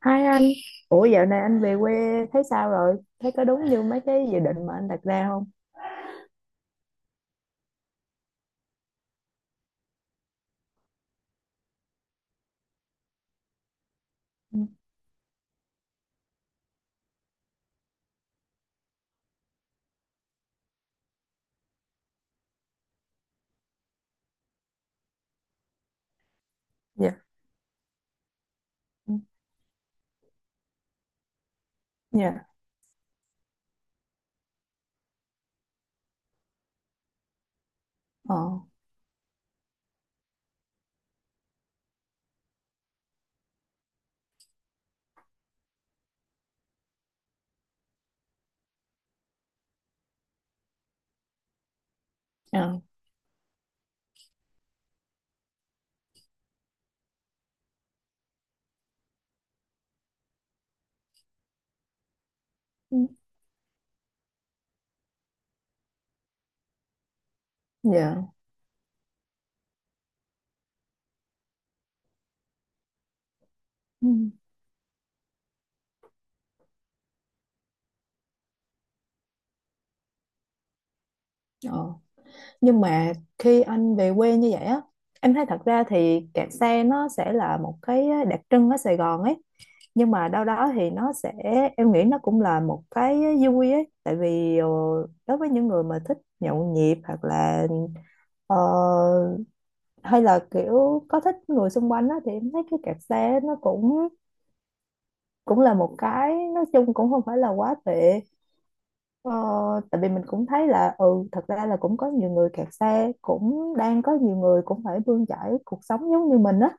Hai anh, ủa dạo này anh về quê thấy sao rồi? Thấy có đúng như mấy cái dự định mà anh đặt ra không? Ừ, dạ, ừ, dạ, ờ, ờ, ừ, dạ, ừ, ờ. Nhưng mà khi anh về quê như vậy á, em thấy thật ra thì kẹt xe nó sẽ là một cái đặc trưng ở Sài Gòn ấy. Nhưng mà đâu đó thì nó sẽ, em nghĩ nó cũng là một cái vui ấy. Tại vì đối với những người mà thích nhậu nhẹt hoặc là ờ, hay là kiểu có thích người xung quanh á, thì em thấy cái kẹt xe nó cũng cũng là một cái, nói chung cũng không phải là quá tệ. ờ, Tại vì mình cũng thấy là ừ, thật ra là cũng có nhiều người kẹt xe, cũng đang có nhiều người cũng phải bươn chải cuộc sống giống như mình á.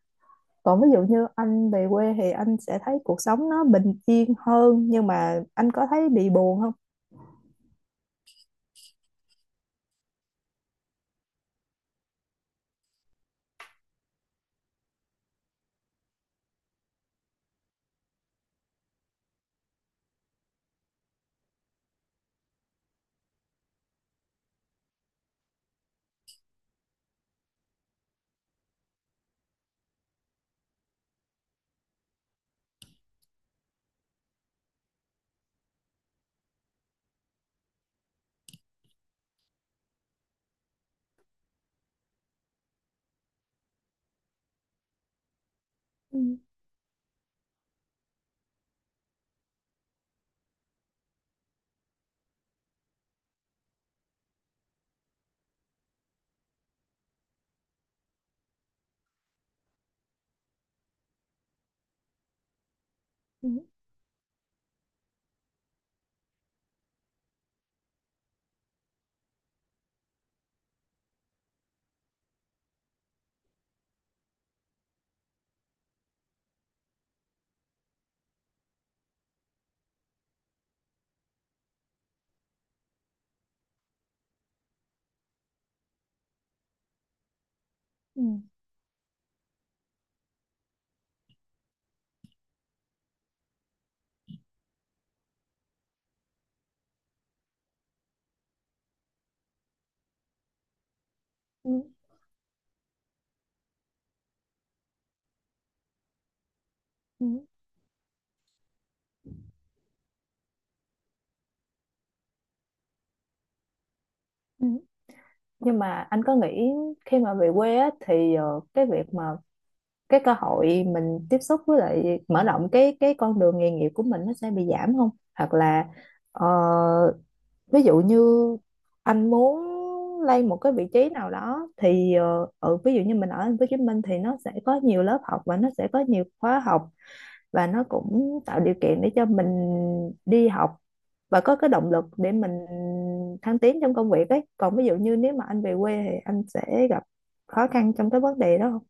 Còn ví dụ như anh về quê thì anh sẽ thấy cuộc sống nó bình yên hơn, nhưng mà anh có thấy bị buồn không? Ừ, ừ, ừ, ừ, ừ, ừ. Nhưng mà anh có nghĩ khi mà về quê á, thì cái việc mà cái cơ hội mình tiếp xúc với lại mở rộng cái con đường nghề nghiệp của mình nó sẽ bị giảm không, hoặc là ờ, ví dụ như anh muốn lên một cái vị trí nào đó thì ví dụ như mình ở thành phố Hồ Chí Minh thì nó sẽ có nhiều lớp học và nó sẽ có nhiều khóa học, và nó cũng tạo điều kiện để cho mình đi học và có cái động lực để mình thăng tiến trong công việc ấy. Còn ví dụ như nếu mà anh về quê thì anh sẽ gặp khó khăn trong cái vấn đề đó không?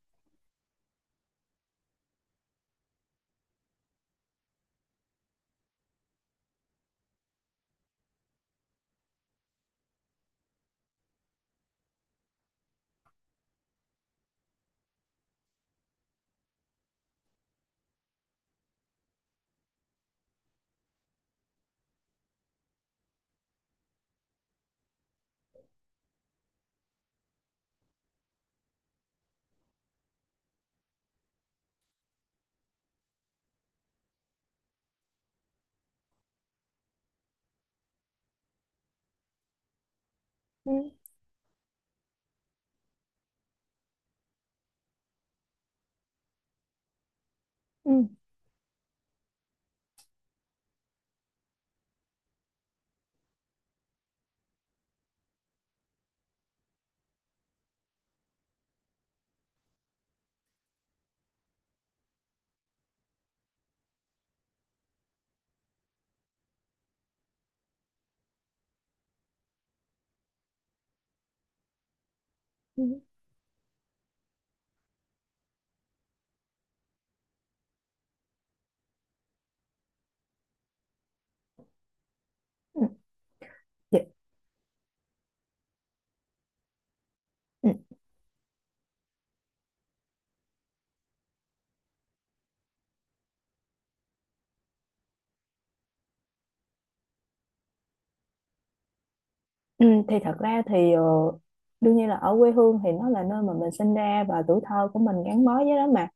Ừ. Ừ. Ừ. Ừ, dạ, ừ, ừ, thì thật ra thì đương nhiên là ở quê hương thì nó là nơi mà mình sinh ra và tuổi thơ của mình gắn bó với đó mà.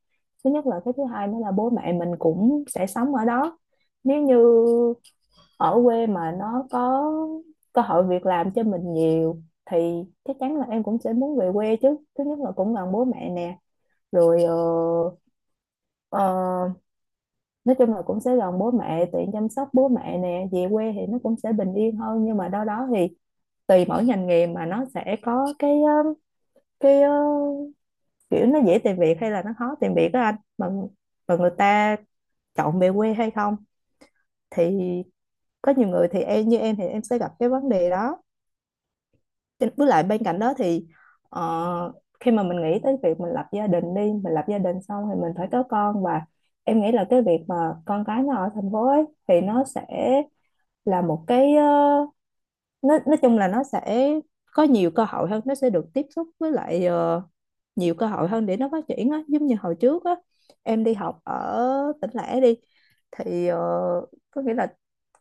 Thứ nhất là, cái thứ hai nữa là bố mẹ mình cũng sẽ sống ở đó. Nếu như ở quê mà nó có cơ hội việc làm cho mình nhiều thì chắc chắn là em cũng sẽ muốn về quê chứ. Thứ nhất là cũng gần bố mẹ nè, rồi ờ, nói chung là cũng sẽ gần bố mẹ, tiện chăm sóc bố mẹ nè. Về quê thì nó cũng sẽ bình yên hơn, nhưng mà đâu đó thì tùy mỗi ngành nghề mà nó sẽ có cái cái kiểu nó dễ tìm việc hay là nó khó tìm việc đó anh, mà người ta chọn về quê hay không, thì có nhiều người thì em, như em thì em sẽ gặp cái vấn đề đó. Cho với lại bên cạnh đó thì ờ, khi mà mình nghĩ tới việc mình lập gia đình đi, mình lập gia đình xong thì mình phải có con. Và em nghĩ là cái việc mà con cái nó ở thành phố ấy thì nó sẽ là một cái nó nói chung là nó sẽ có nhiều cơ hội hơn, nó sẽ được tiếp xúc với lại nhiều cơ hội hơn để nó phát triển á. Giống như hồi trước á, em đi học ở tỉnh lẻ đi, thì có nghĩa là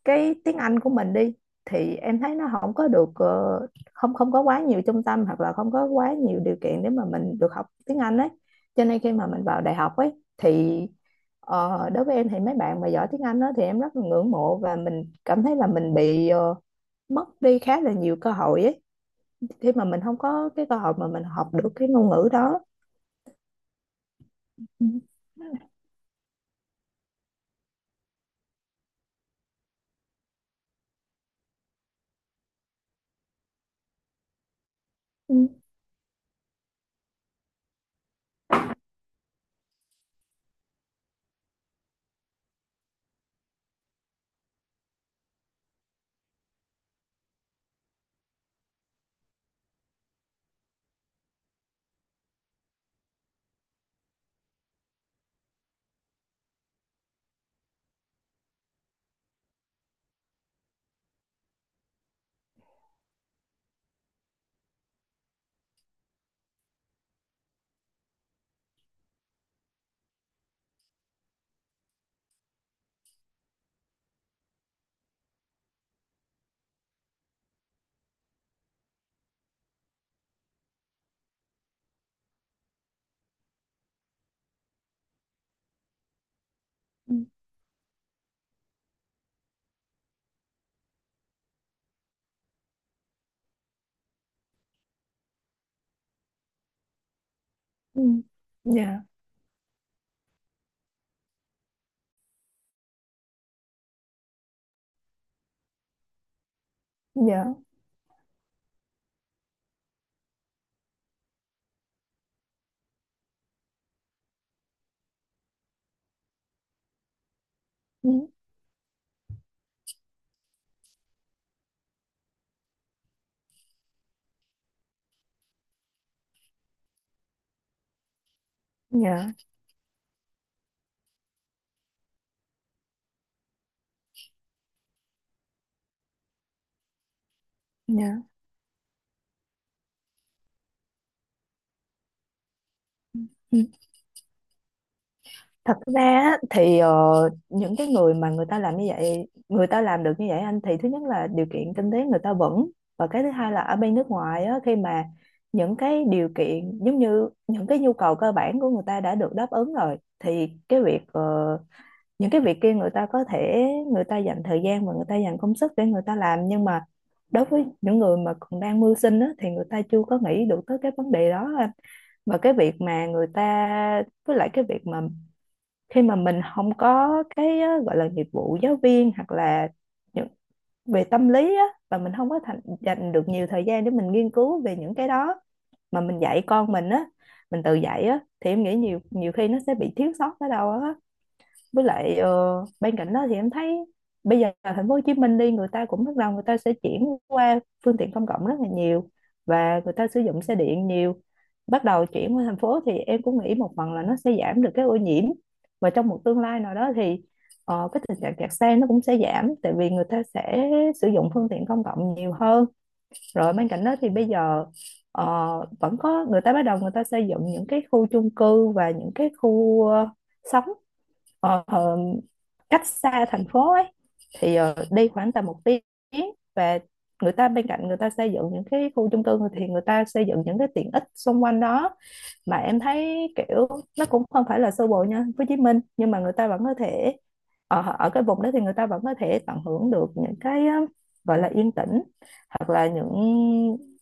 cái tiếng Anh của mình đi thì em thấy nó không có được không không có quá nhiều trung tâm hoặc là không có quá nhiều điều kiện để mà mình được học tiếng Anh ấy. Cho nên khi mà mình vào đại học ấy thì đối với em thì mấy bạn mà giỏi tiếng Anh đó thì em rất là ngưỡng mộ, và mình cảm thấy là mình bị mất đi khá là nhiều cơ hội ấy, khi mà mình không có cái cơ hội mà mình học được cái ngôn ngữ đó. Ừ. Ừ. Ừ. Ừ. Dạ. Dạ. Ừ. Dạ. Dạ. Ừ. Thật ra á, thì những cái người mà người ta làm như vậy, người ta làm được như vậy anh, thì thứ nhất là điều kiện kinh tế người ta vững, và cái thứ hai là ở bên nước ngoài á, khi mà những cái điều kiện giống như những cái nhu cầu cơ bản của người ta đã được đáp ứng rồi thì cái việc những cái việc kia người ta có thể, người ta dành thời gian và người ta dành công sức để người ta làm. Nhưng mà đối với những người mà còn đang mưu sinh á, thì người ta chưa có nghĩ được tới cái vấn đề đó anh. Và cái việc mà người ta, với lại cái việc mà khi mà mình không có cái gọi là nghiệp vụ giáo viên hoặc là những về tâm lý á, và mình không có dành được nhiều thời gian để mình nghiên cứu về những cái đó mà mình dạy con mình á, mình tự dạy á, thì em nghĩ nhiều nhiều khi nó sẽ bị thiếu sót ở đâu á. Với lại bên cạnh đó thì em thấy bây giờ ở thành phố Hồ Chí Minh đi, người ta cũng bắt đầu, người ta sẽ chuyển qua phương tiện công cộng rất là nhiều, và người ta sử dụng xe điện nhiều, bắt đầu chuyển qua thành phố, thì em cũng nghĩ một phần là nó sẽ giảm được cái ô nhiễm. Và trong một tương lai nào đó thì cái tình trạng kẹt xe nó cũng sẽ giảm, tại vì người ta sẽ sử dụng phương tiện công cộng nhiều hơn. Rồi bên cạnh đó thì bây giờ ờ, vẫn có người ta bắt đầu, người ta xây dựng những cái khu chung cư và những cái khu sống ờ, cách xa thành phố ấy, thì đi khoảng tầm 1 tiếng. Và người ta, bên cạnh người ta xây dựng những cái khu chung cư thì người ta xây dựng những cái tiện ích xung quanh đó, mà em thấy kiểu nó cũng không phải là sơ bộ nha Hồ Chí Minh. Nhưng mà người ta vẫn có thể ở ở cái vùng đó thì người ta vẫn có thể tận hưởng được những cái gọi là yên tĩnh, hoặc là những,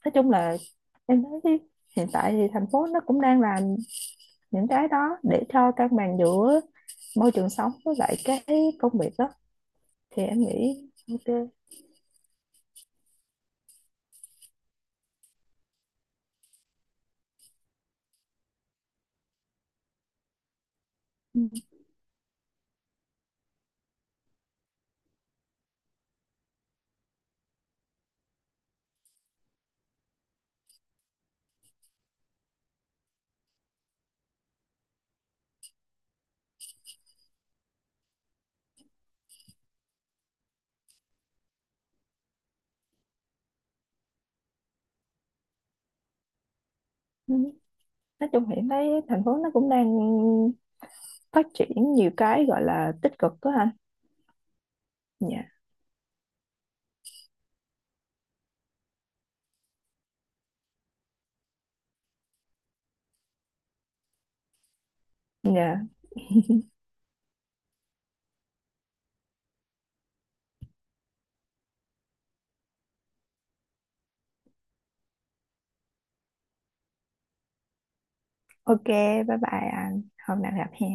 nói chung là em thấy hiện tại thì thành phố nó cũng đang làm những cái đó để cho cân bằng giữa môi trường sống với lại cái công việc đó, thì em nghĩ. Ok. Ừ. Ừ. Nói chung hiện nay thành phố nó cũng đang phát triển nhiều cái gọi là tích cực đó anh. Dạ. Dạ. Ok. Bye bye anh. Hôm nào gặp hè.